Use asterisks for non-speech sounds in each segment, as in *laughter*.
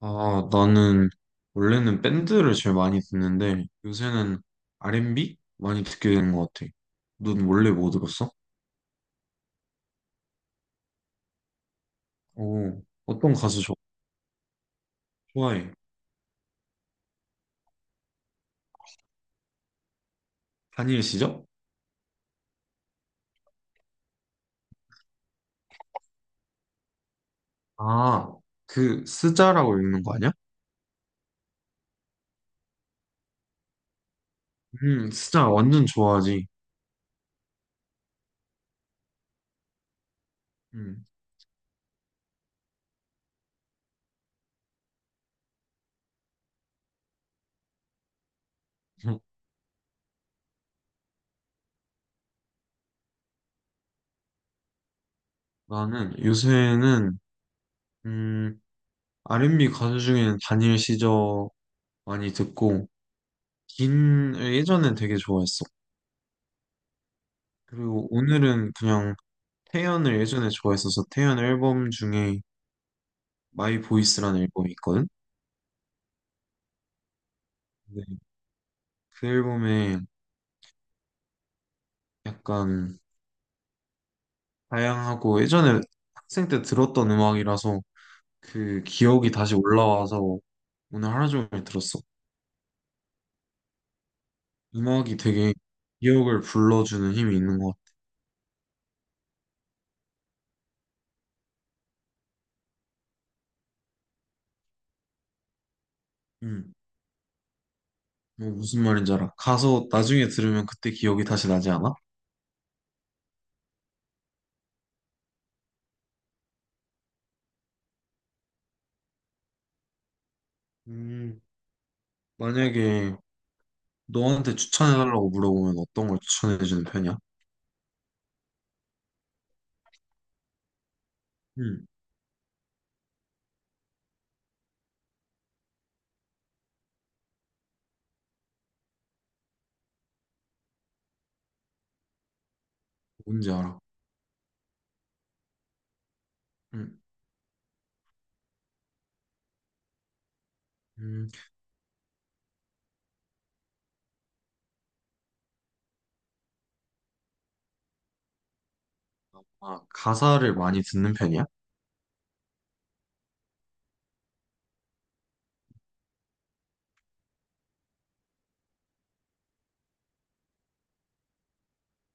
아, 나는 원래는 밴드를 제일 많이 듣는데 요새는 R&B 많이 듣게 되는 것 같아. 넌 원래 뭐 들었어? 오, 어떤 가수 좋아해? 다니엘 시죠? 아, 그 스자라고 읽는 거 아니야? 스자 완전 좋아하지. 음, *laughs* 나는 요새는 음, R&B 가수 중에는 다니엘 시저 많이 듣고 긴 예전엔 되게 좋아했어. 그리고 오늘은 그냥 태연을 예전에 좋아했어서 태연 앨범 중에 마이 보이스라는 앨범이 있거든. 근데 그 앨범에 약간 다양하고 예전에 학생 때 들었던 음악이라서 그 기억이 다시 올라와서 오늘 하루 종일 들었어. 음악이 되게 기억을 불러주는 힘이 있는 것 같아. 음, 뭐 무슨 말인지 알아. 가서 나중에 들으면 그때 기억이 다시 나지 않아? 음, 만약에 너한테 추천해달라고 물어보면 어떤 걸 추천해주는 편이야? 음, 뭔지 알아. 음. 음. 아, 가사를 많이 듣는 편이야?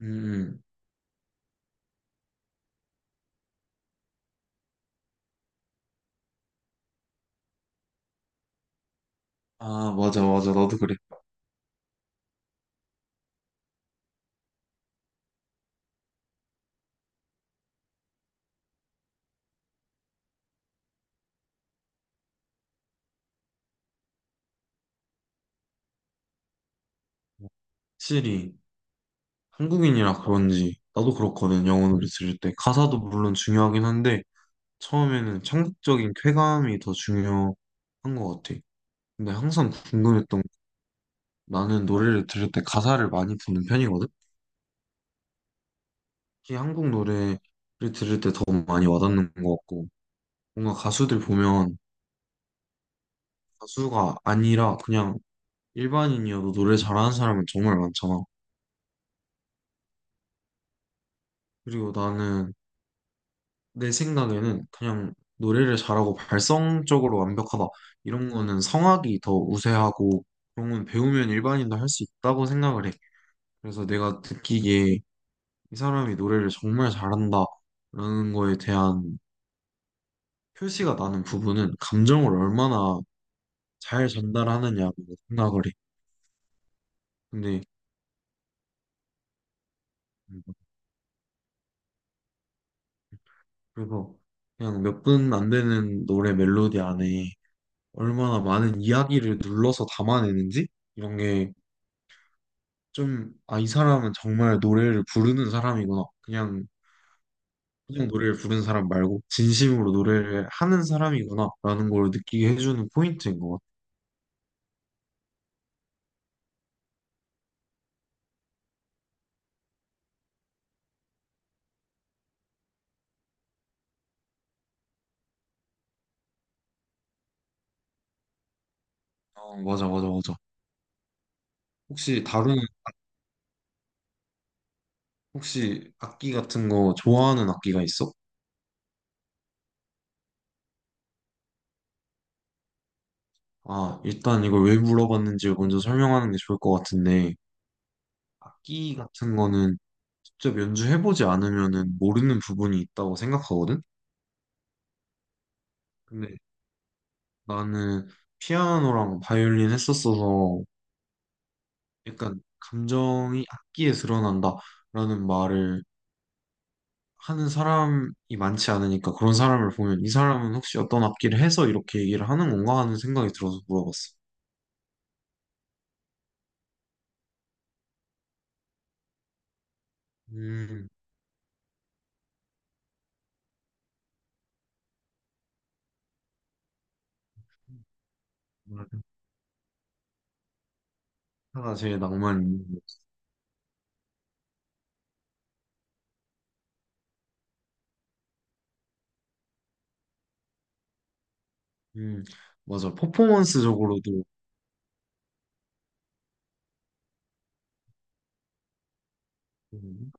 음, 아, 맞아, 맞아. 나도 그래. 확실히 한국인이라 그런지 나도 그렇거든. 영어 노래 들을 때. 가사도 물론 중요하긴 한데 처음에는 청각적인 쾌감이 더 중요한 것 같아. 근데 항상 궁금했던 게 나는 노래를 들을 때 가사를 많이 듣는 편이거든. 특히 한국 노래를 들을 때 더 많이 와닿는 것 같고 뭔가 가수들 보면 가수가 아니라 그냥 일반인이어도 노래 잘하는 사람은 정말 많잖아. 그리고 나는 내 생각에는 그냥 노래를 잘하고 발성적으로 완벽하다 이런 거는 성악이 더 우세하고 그런 건 배우면 일반인도 할 수 있다고 생각을 해. 그래서 내가 느끼기에 이 사람이 노래를 정말 잘한다라는 거에 대한 표시가 나는 부분은 감정을 얼마나 잘 전달하느냐고 생각을 해. 근데 그래서 그냥 몇 분 안 되는 노래 멜로디 안에 얼마나 많은 이야기를 눌러서 담아내는지 이런 게 좀, 아, 이 사람은 정말 노래를 부르는 사람이구나. 그냥, 그냥 노래를 부르는 사람 말고, 진심으로 노래를 하는 사람이구나. 라는 걸 느끼게 해주는 포인트인 것 같아. 어, 맞아, 맞아, 맞아. 혹시 다루는, 혹시 악기 같은 거 좋아하는 악기가 있어? 아, 일단 이걸 왜 물어봤는지 먼저 설명하는 게 좋을 것 같은데, 악기 같은 거는 직접 연주해보지 않으면은 모르는 부분이 있다고 생각하거든? 근데 나는 피아노랑 바이올린 했었어서 약간 감정이 악기에 드러난다라는 말을 하는 사람이 많지 않으니까 그런 사람을 보면 이 사람은 혹시 어떤 악기를 해서 이렇게 얘기를 하는 건가 하는 생각이 들어서 물어봤어. 음, 맞아. 가사가 제일 낭만이 있는 거 같아. 음, 맞아. 퍼포먼스적으로도 음,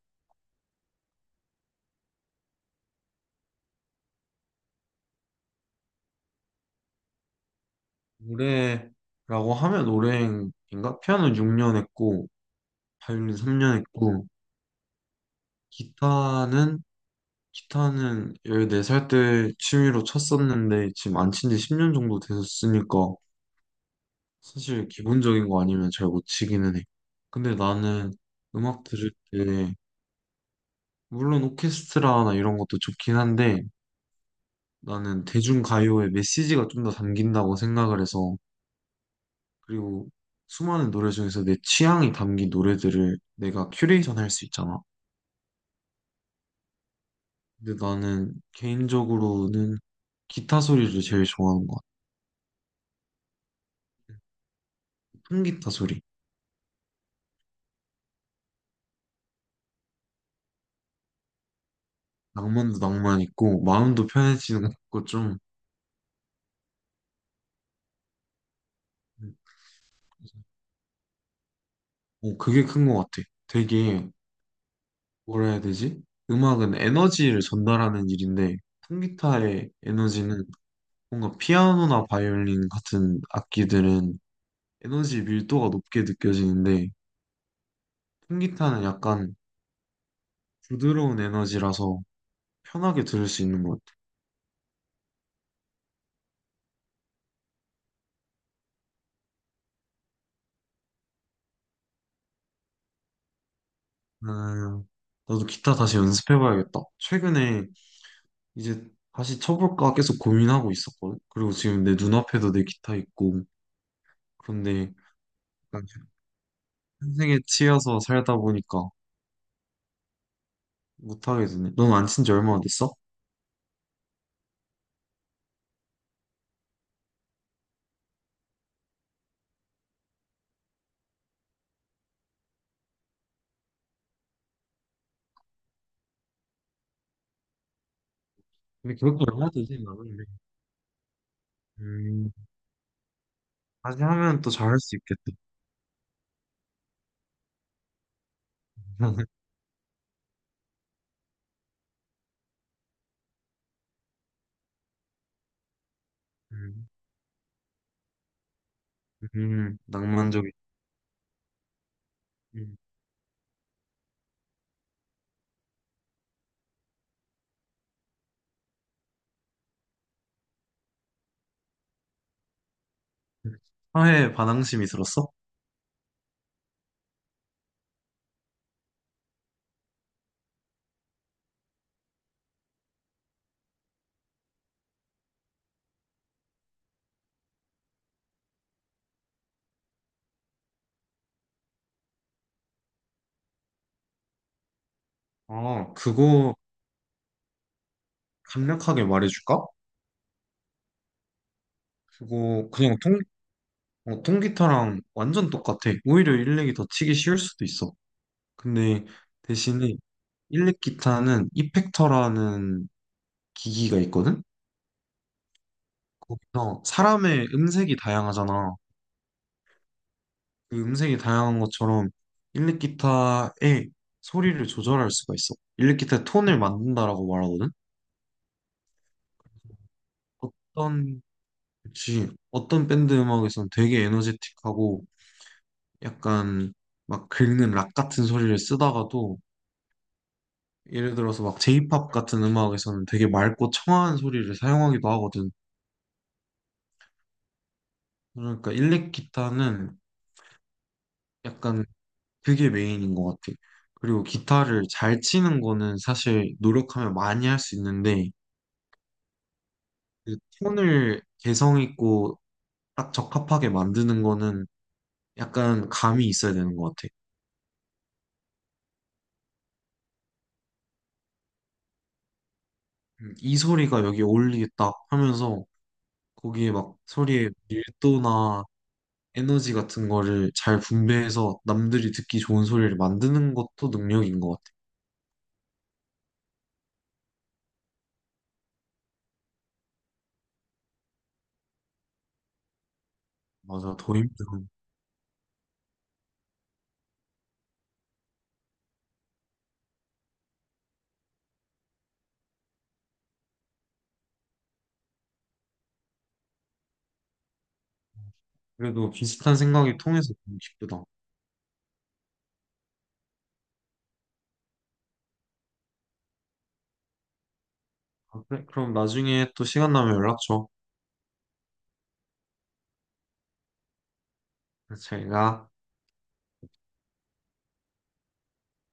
노래라고 하면 노래인가? 피아노 6년 했고, 바이올린 3년 했고, 기타는 기타는 14살 때 취미로 쳤었는데 지금 안 친 지 10년 정도 됐으니까 사실 기본적인 거 아니면 잘 못 치기는 해. 근데 나는 음악 들을 때 물론 오케스트라나 이런 것도 좋긴 한데 나는 대중가요의 메시지가 좀 더 담긴다고 생각을 해서 그리고 수많은 노래 중에서 내 취향이 담긴 노래들을 내가 큐레이션 할 수 있잖아. 근데 나는 개인적으로는 기타 소리를 제일 좋아하는 것 같아. 통기타 소리. 낭만도 낭만 있고 마음도 편해지는 것 같고 좀 어, 그게 큰 것 같아. 되게 뭐라 해야 되지? 음악은 에너지를 전달하는 일인데 통기타의 에너지는 뭔가 피아노나 바이올린 같은 악기들은 에너지 밀도가 높게 느껴지는데 통기타는 약간 부드러운 에너지라서 편하게 들을 수 있는 것 같아. 음, 나도 기타 다시 연습해봐야겠다. 최근에 이제 다시 쳐볼까 계속 고민하고 있었거든. 그리고 지금 내 눈앞에도 내 기타 있고. 그런데 약간 현생에 치여서 살다 보니까 못하게 되네. 넌 안 친지 얼마나 됐어? 근데 그것도 얼마 되진 않은데. 음, 다시 하면 또 잘할 수 있겠다. *laughs* 음, 낭만적인. 음. 사회 반항심이 들었어? 아, 그거 간략하게 말해줄까? 그거 그냥 통, 어, 통기타랑 완전 똑같아. 오히려 일렉이 더 치기 쉬울 수도 있어. 근데 대신에 일렉 기타는 이펙터라는 기기가 있거든? 거기서 사람의 음색이 다양하잖아. 그 음색이 다양한 것처럼 일렉 기타의 소리를 조절할 수가 있어. 일렉 기타의 톤을 만든다라고 말하거든? 어떤, 그치. 어떤 밴드 음악에서는 되게 에너제틱하고 약간 막 긁는 락 같은 소리를 쓰다가도 예를 들어서 막 J-pop 같은 음악에서는 되게 맑고 청아한 소리를 사용하기도 하거든. 그러니까 일렉 기타는 약간 그게 메인인 것 같아. 그리고 기타를 잘 치는 거는 사실 노력하면 많이 할 수 있는데, 그 톤을 개성 있고 딱 적합하게 만드는 거는 약간 감이 있어야 되는 것 같아. 이 소리가 여기 어울리겠다 하면서 거기에 막 소리의 밀도나 에너지 같은 거를 잘 분배해서 남들이 듣기 좋은 소리를 만드는 것도 능력인 것 같아. 맞아, 더 힘들어. 그래도 비슷한 생각이 통해서 너무 기쁘다. 아, 그래? 그럼 나중에 또 시간 나면 연락 줘. 그래서 저희가